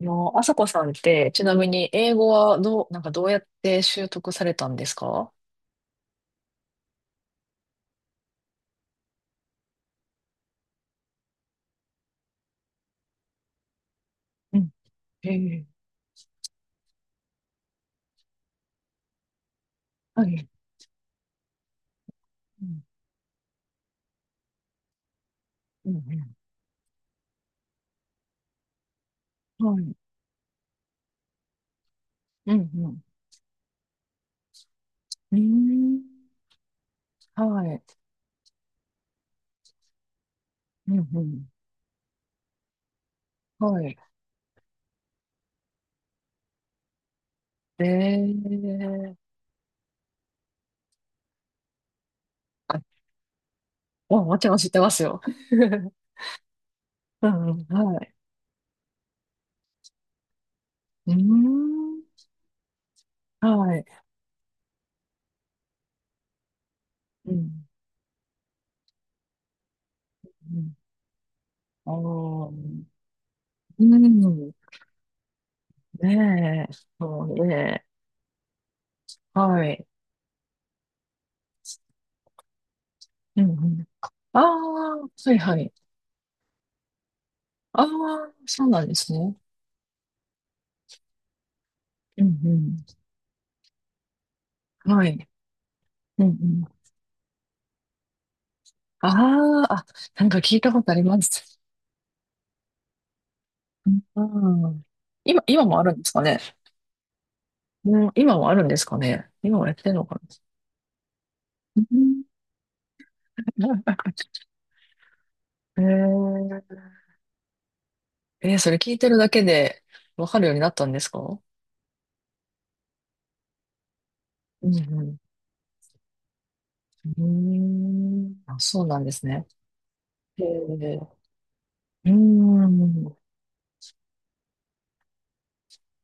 あさこさんって、ちなみに英語はなんかどうやって習得されたんですか？うん。ええ、はい。うん。うん。うん、はい。うん。うん。うーん。はい。うん。うん。はい。ええ、あ、もちろん知ってますよ。うん、うん、はい。うーん。はい。うん。うん。ああ。うん。ねえ。そうね。はい。うん。うん。ああ、はいはい。ああ、そうなんですね。うん、うん、はい。うん、うん、ああ、あ、なんか聞いたことあります。うん。今もあるんですかね。うん、今もあるんですかね。今もやってるのかな。うん。 な。えーそれ聞いてるだけでわかるようになったんですか？うん、うん。うーん。あ、そうなんですね。えー、うーん。うん、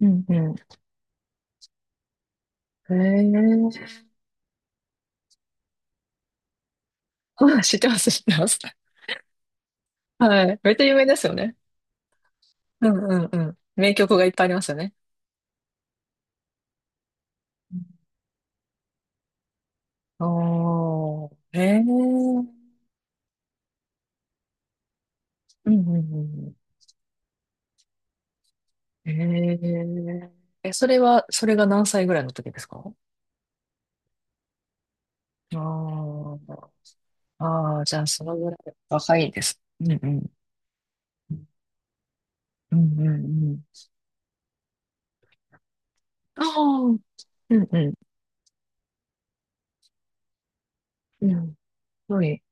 うん。えー、あ、知ってます、知ってます。はい。めっちゃ有名ですよね。うん、うん、うん。名曲がいっぱいありますよね。ああー、へえ。うん、うん、うん、うん。へえ。え、それが何歳ぐらいの時ですか？ああ、あー、あー、じゃあ、そのぐらい若いです。うん、うん。うん、うん、うん。ああ、うん、うん。うん。はい。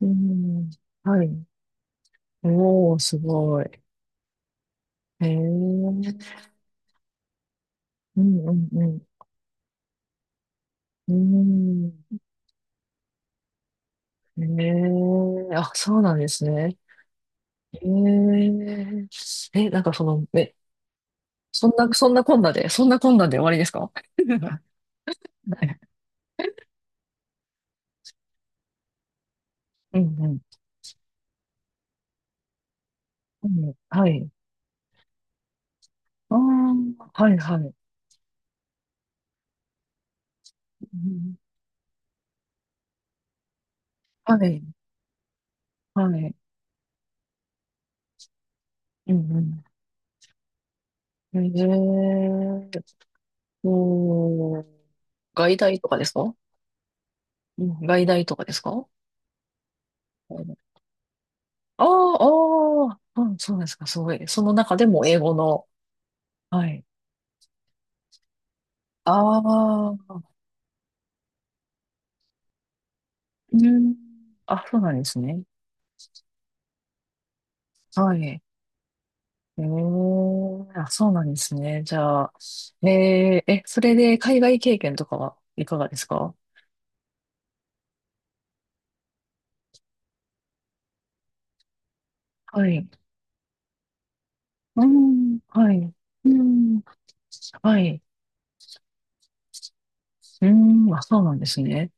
うん。はい。おー、すごい。へえ。うん、うん、うん。うん。へえ。あ、そうなんですね。えー、え、なんかその、え、そんなこんなで終わりですか？ はい。うん、うん。うん、はい。ああ、はいはい。うん、はい、はい。うん、うん。えー、おー、外大とかですか？うん、外大とかですか？ああ、ああ、うん、そうですか、すごい。その中でも英語の、はい。ああ、うん。あ、そうなんですね。はい。ええ、あ、そうなんですね。じゃあ、ええ、え、それで海外経験とかはいかがですか？はい。うん、はい。うん、はい。うん、あ、そうなんですね。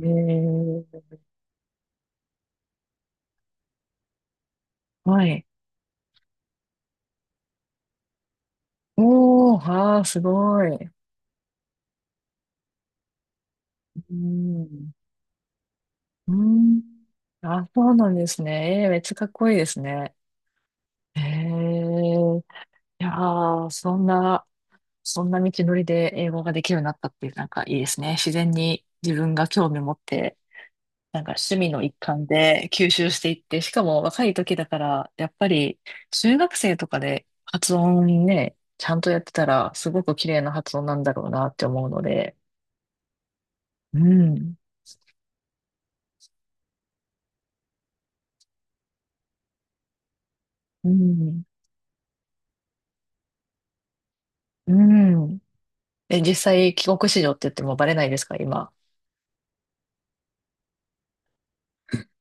ええ、はい。おー、ああ、すごい。うん、うん、あ、そうなんですね。えー、めっちゃかっこいいですね。ええ、いやー、そんな道のりで英語ができるようになったっていう、なんかいいですね。自然に自分が興味持ってなんか趣味の一環で吸収していって、しかも若い時だから、やっぱり中学生とかで発音ね、ちゃんとやってたら、すごく綺麗な発音なんだろうなって思うので、うん、うん、うん。え、実際、帰国子女って言ってもバレないですか、今。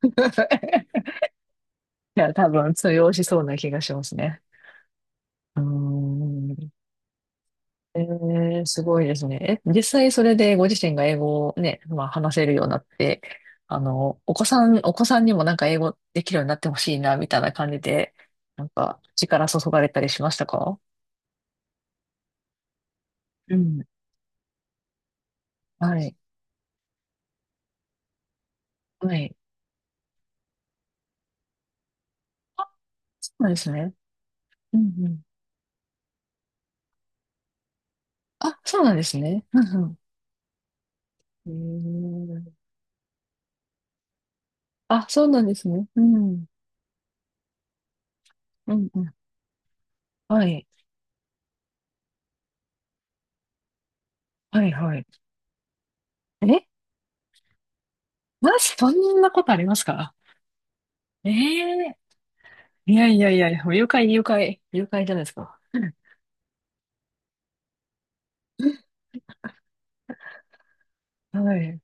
いや、多分通用しそうな気がしますね。うーん。えー、すごいですね。え、実際それでご自身が英語をね、まあ話せるようになって、お子さんにもなんか英語できるようになってほしいな、みたいな感じで、なんか力注がれたりしましたか？うん。はい。はい。そうなんですね。うん、うん。あ、そうなんですね。うん、うん。へー、あ、そうなんですね。うん。うん、うん。はい。はいはい。え、まずそんなことありますか？ええ、いやいやいや、誘拐、誘拐、誘拐じゃないですか。はい。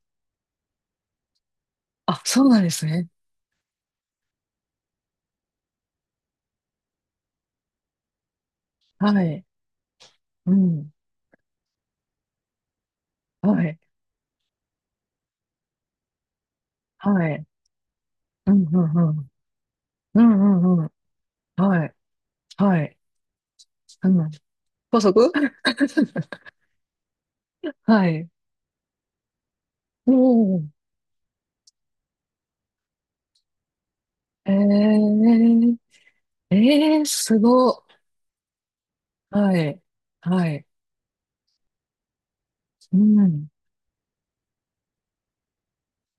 あ、そうなんですね。はい。うん。はい。はい。うん、うん、うん。うん、うん、うん。はい。はい。うん。高速。 はい。うん。えー、えー、すご。はい。はい。うん。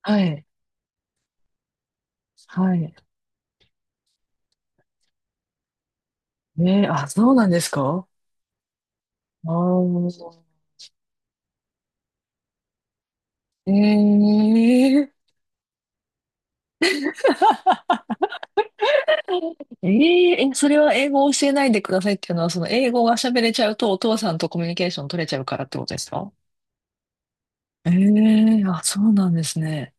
はい。はい。えー、あ、そうなんですか？ああー。えええええ、それは英語を教えないでくださいっていうのは、その英語が喋れちゃうとお父さんとコミュニケーション取れちゃうからってことですか？ええ、あ、そうなんですね。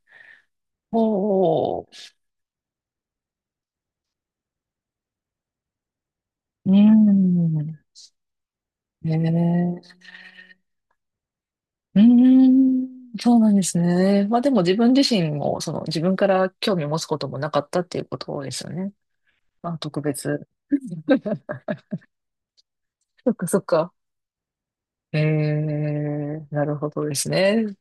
お、お、うーん、ええ、うーん、そうなんですね。まあでも自分自身も、自分から興味を持つこともなかったっていうことですよね。まあ特別。そっかそっか。ええ、なるほどですね。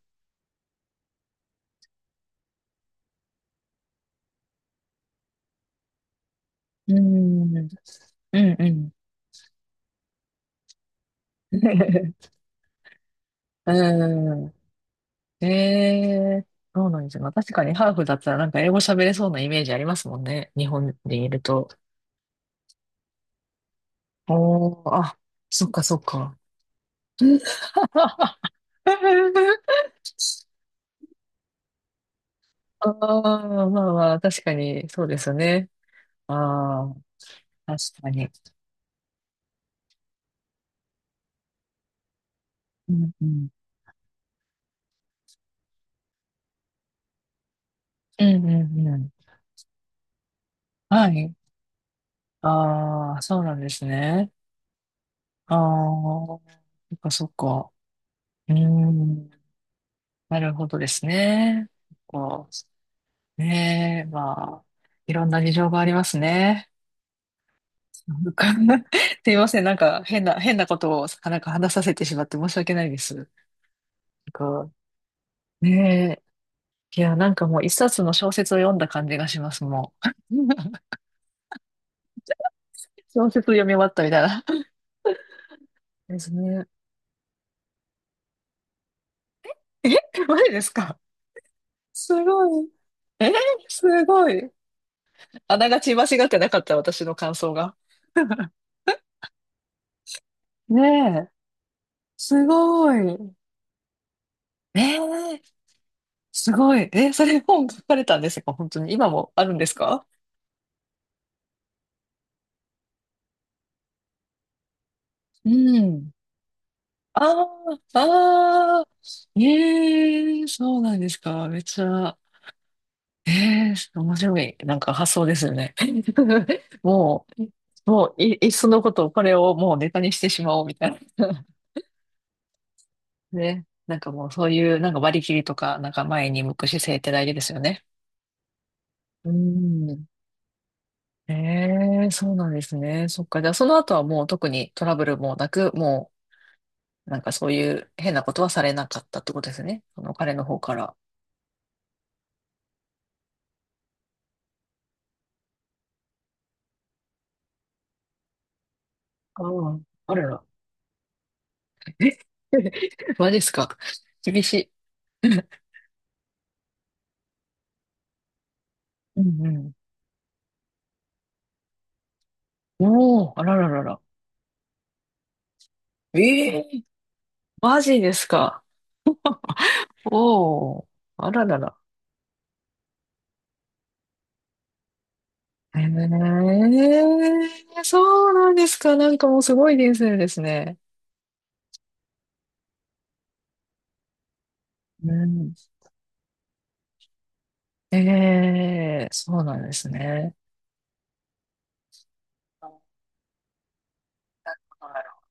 うーん、うん、うん。うん。ええ、そうなんですよ。まあ確かにハーフだったらなんか英語喋れそうなイメージありますもんね。日本にいると。おー、あ、そっかそっか。ああ、まあまあ、確かに、そうですよね。ああ、確かに。うん、うん。うん、うん、うん。はい。ああ、そうなんですね。ああ、そっか、そっか。うーん、なるほどですね。こう、ねえ、まあ、いろんな事情がありますね。なんか、 すいません。なんか変なことをなんか話させてしまって申し訳ないです。なんか、ねえ。いや、なんかもう一冊の小説を読んだ感じがします、もう。小説読み終わったみたいな。ですね。え、マジですか？すごい。え、すごい。あながち間違ってなかった、私の感想が。ねえ、すごい。ええ、すごい。え、それ本書かれたんですか、本当に。今もあるんですか？うん。ああ、ああ、ええ、そうなんですか。めっちゃ、ええ、面白い。なんか発想ですよね。もうい、いっそのこと、これをもうネタにしてしまおうみたいな。ね。なんかもうそういう、なんか割り切りとか、なんか前に向く姿勢って大事ですよね。うん。ええ、そうなんですね。そっか。じゃあその後はもう特にトラブルもなく、もう、なんかそういう変なことはされなかったってことですね。その彼の方から。ああ、あらら。え、 マジっすか？厳しい。うん、うん。おー、あらららら。ええー、マジですか？おー、あららら。ええ、そうなんですか。なんかもうすごい人生ですね。うん。ええ、そうなんですね。はい。